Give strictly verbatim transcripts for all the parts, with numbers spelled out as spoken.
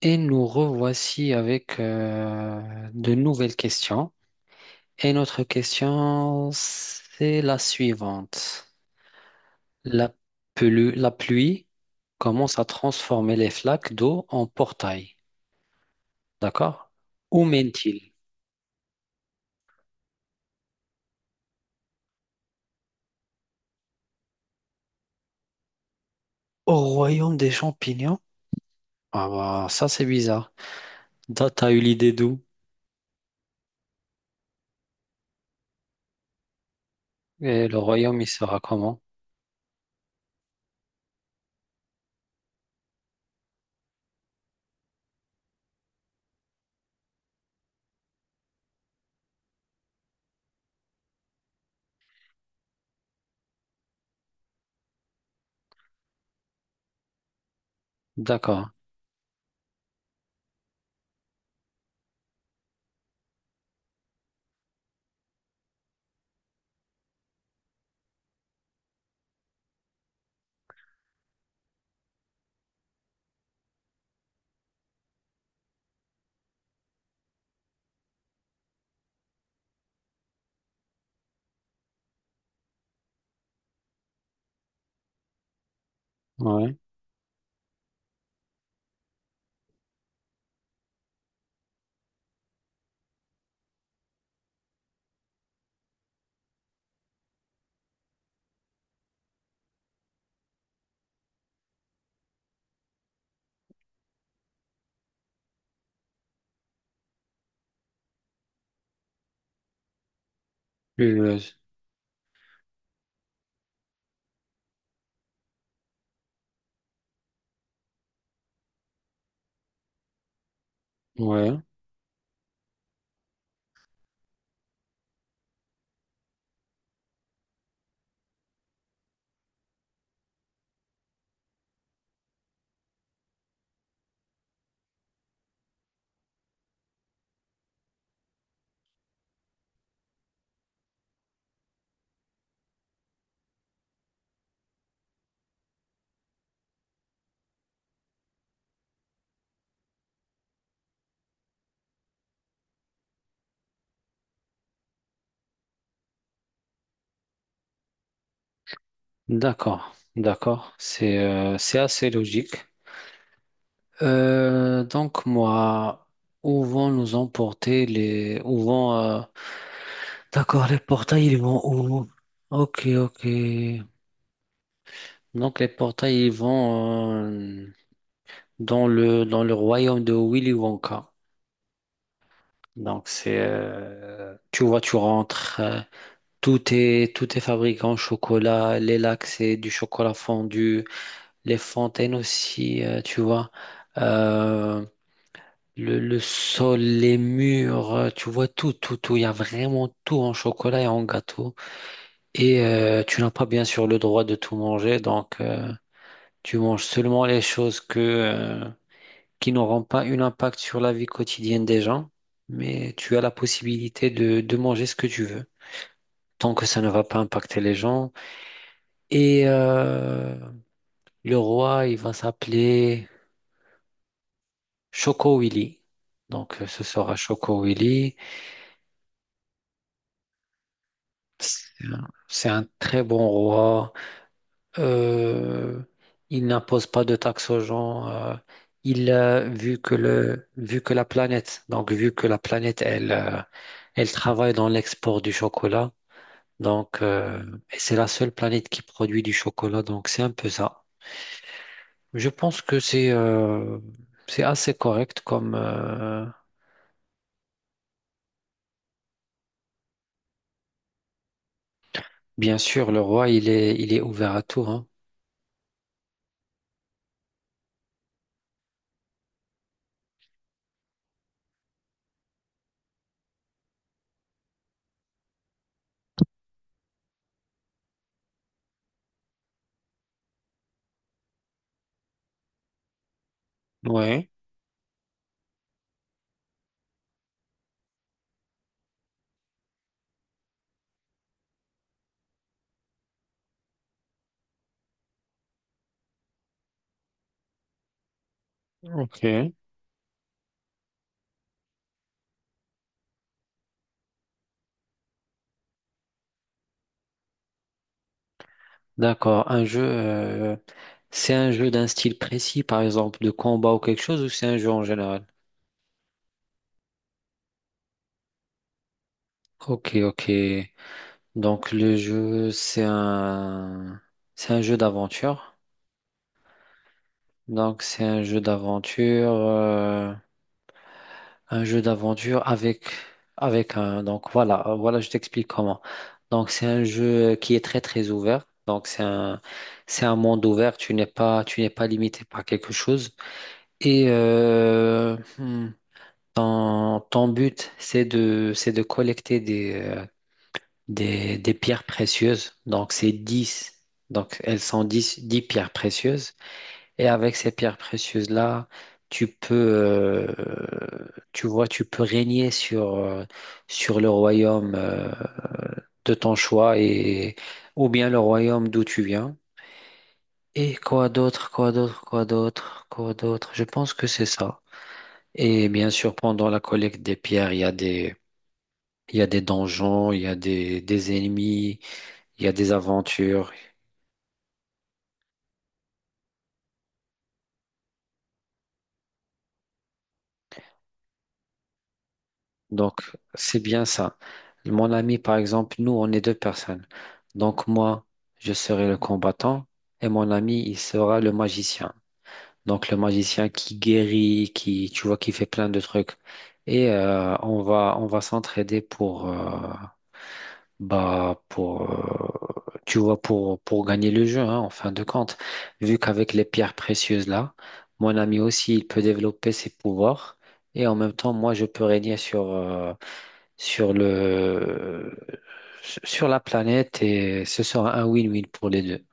Et nous revoici avec euh, de nouvelles questions. Et notre question, c'est la suivante. La pelu- la pluie commence à transformer les flaques d'eau en portails. D'accord? Où mène-t-il? Au royaume des champignons? Ah bah, ça c'est bizarre. T'as t'as eu l'idée d'où? Et le royaume, il sera comment? D'accord. Ouais. Plus- euh, Ouais. D'accord. D'accord. C'est euh, c'est assez logique. Euh, donc moi, où vont nous emporter les, où vont, euh, d'accord, les portails, ils vont où? Ok, ok. Donc les portails, ils vont euh, dans le, dans le royaume de Willy Wonka. Donc c'est... euh, tu vois, tu rentres, euh, tout est, tout est fabriqué en chocolat, les lacs, c'est du chocolat fondu, les fontaines aussi, euh, tu vois. Euh, Le, le sol, les murs, euh, tu vois tout, tout, tout. Il y a vraiment tout en chocolat et en gâteau. Et euh, tu n'as pas bien sûr le droit de tout manger, donc euh, tu manges seulement les choses que, euh, qui n'auront pas un impact sur la vie quotidienne des gens, mais tu as la possibilité de, de manger ce que tu veux, tant que ça ne va pas impacter les gens. Et euh, le roi, il va s'appeler Choco Willy. Donc euh, ce sera Choco Willy. C'est un c'est un très bon roi. Euh, il n'impose pas de taxes aux gens. Euh, il a vu que le, vu que la planète, donc vu que la planète, elle, euh, elle travaille dans l'export du chocolat. Donc, euh, et c'est la seule planète qui produit du chocolat. Donc, c'est un peu ça. Je pense que c'est euh, c'est assez correct comme euh, bien sûr, le roi, il est il est ouvert à tout, hein. Ouais, ok. D'accord. Un jeu, euh, c'est un jeu d'un style précis, par exemple, de combat ou quelque chose, ou c'est un jeu en général? Ok, ok. Donc le jeu, c'est un, c'est un jeu d'aventure. Donc c'est un jeu d'aventure, euh, un jeu d'aventure avec, avec un. Donc voilà, euh, voilà, je t'explique comment. Donc c'est un jeu qui est très très ouvert. Donc c'est un, c'est un monde ouvert. Tu n'es pas, tu n'es pas limité par quelque chose. Et euh, hmm, Ton, ton but, c'est de, c'est de collecter des, euh, des, des pierres précieuses. Donc, c'est dix Donc, elles sont dix dix pierres précieuses. Et avec ces pierres précieuses-là, tu peux, euh, tu vois, tu peux régner sur, euh, sur le royaume, euh, de ton choix et, ou bien le royaume d'où tu viens. Et quoi d'autre, quoi d'autre, quoi d'autre, quoi d'autre. Je pense que c'est ça. Et bien sûr, pendant la collecte des pierres, il y a des il y a des donjons, il y a des, des ennemis, il y a des aventures. Donc, c'est bien ça. Mon ami, par exemple, nous, on est deux personnes. Donc, moi, je serai le combattant et mon ami, il sera le magicien. Donc, le magicien qui guérit, qui, tu vois, qui fait plein de trucs. Et euh, on va, on va s'entraider pour, euh, Bah, pour euh, tu vois pour pour gagner le jeu, hein, en fin de compte, vu qu'avec les pierres précieuses là, mon ami aussi il peut développer ses pouvoirs et en même temps moi je peux régner sur euh, sur le sur la planète et ce sera un win-win pour les deux.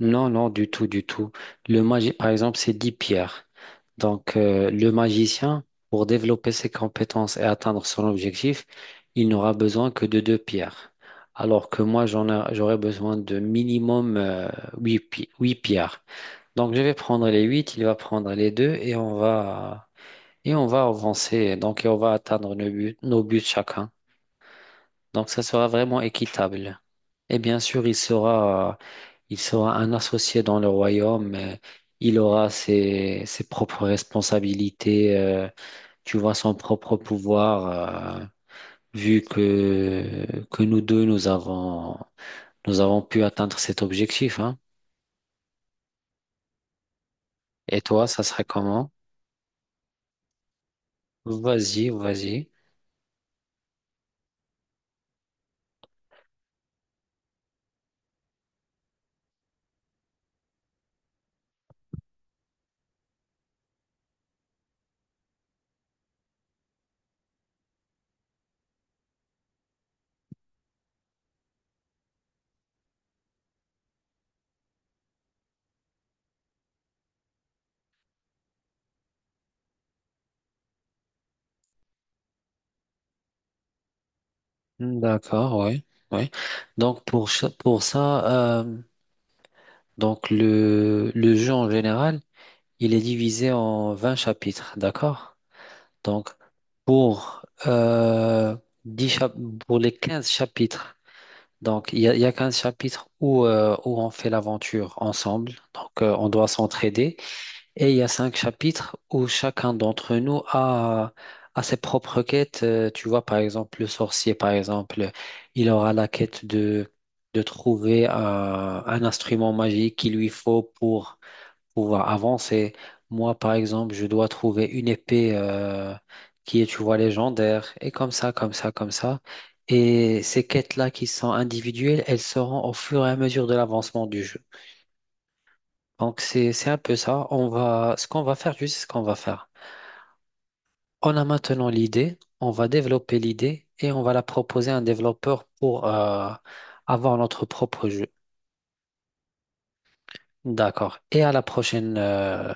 Non, non, du tout, du tout. Le magi, par exemple, c'est dix pierres. Donc, euh, le magicien, pour développer ses compétences et atteindre son objectif, il n'aura besoin que de deux pierres. Alors que moi, j'en ai- j'aurais besoin de minimum euh, huit pi- huit pierres. Donc, je vais prendre les huit, il va prendre les deux et on va, et on va avancer. Donc, et on va atteindre nos buts, nos buts chacun. Donc, ça sera vraiment équitable. Et bien sûr, il sera. Il sera un associé dans le royaume. euh, Il aura ses, ses propres responsabilités. Euh, tu vois, son propre pouvoir. Euh, vu que, que nous deux, nous avons, nous avons pu atteindre cet objectif, hein. Et toi, ça serait comment? Vas-y, vas-y. D'accord, oui. Oui. Donc, pour, cha- pour ça, euh, donc le, le jeu en général, il est divisé en vingt chapitres, d'accord? Donc, pour, euh, 10 chap- pour les quinze chapitres, donc il y a, il y a quinze chapitres où, euh, où on fait l'aventure ensemble, donc euh, on doit s'entraider, et il y a cinq chapitres où chacun d'entre nous a, a ses propres quêtes. Euh, tu vois, par exemple, le sorcier, par exemple, il aura la quête de, de trouver euh, un instrument magique qu'il lui faut pour pouvoir avancer. Moi, par exemple, je dois trouver une épée euh, qui est, tu vois, légendaire, et comme ça, comme ça, comme ça. Et ces quêtes-là qui sont individuelles, elles seront au fur et à mesure de l'avancement du jeu. Donc, c'est, c'est un peu ça. On va, ce qu'on va faire, tu sais ce qu'on va faire. On a maintenant l'idée, on va développer l'idée et on va la proposer à un développeur pour euh, avoir notre propre jeu. D'accord. Et à la prochaine. euh,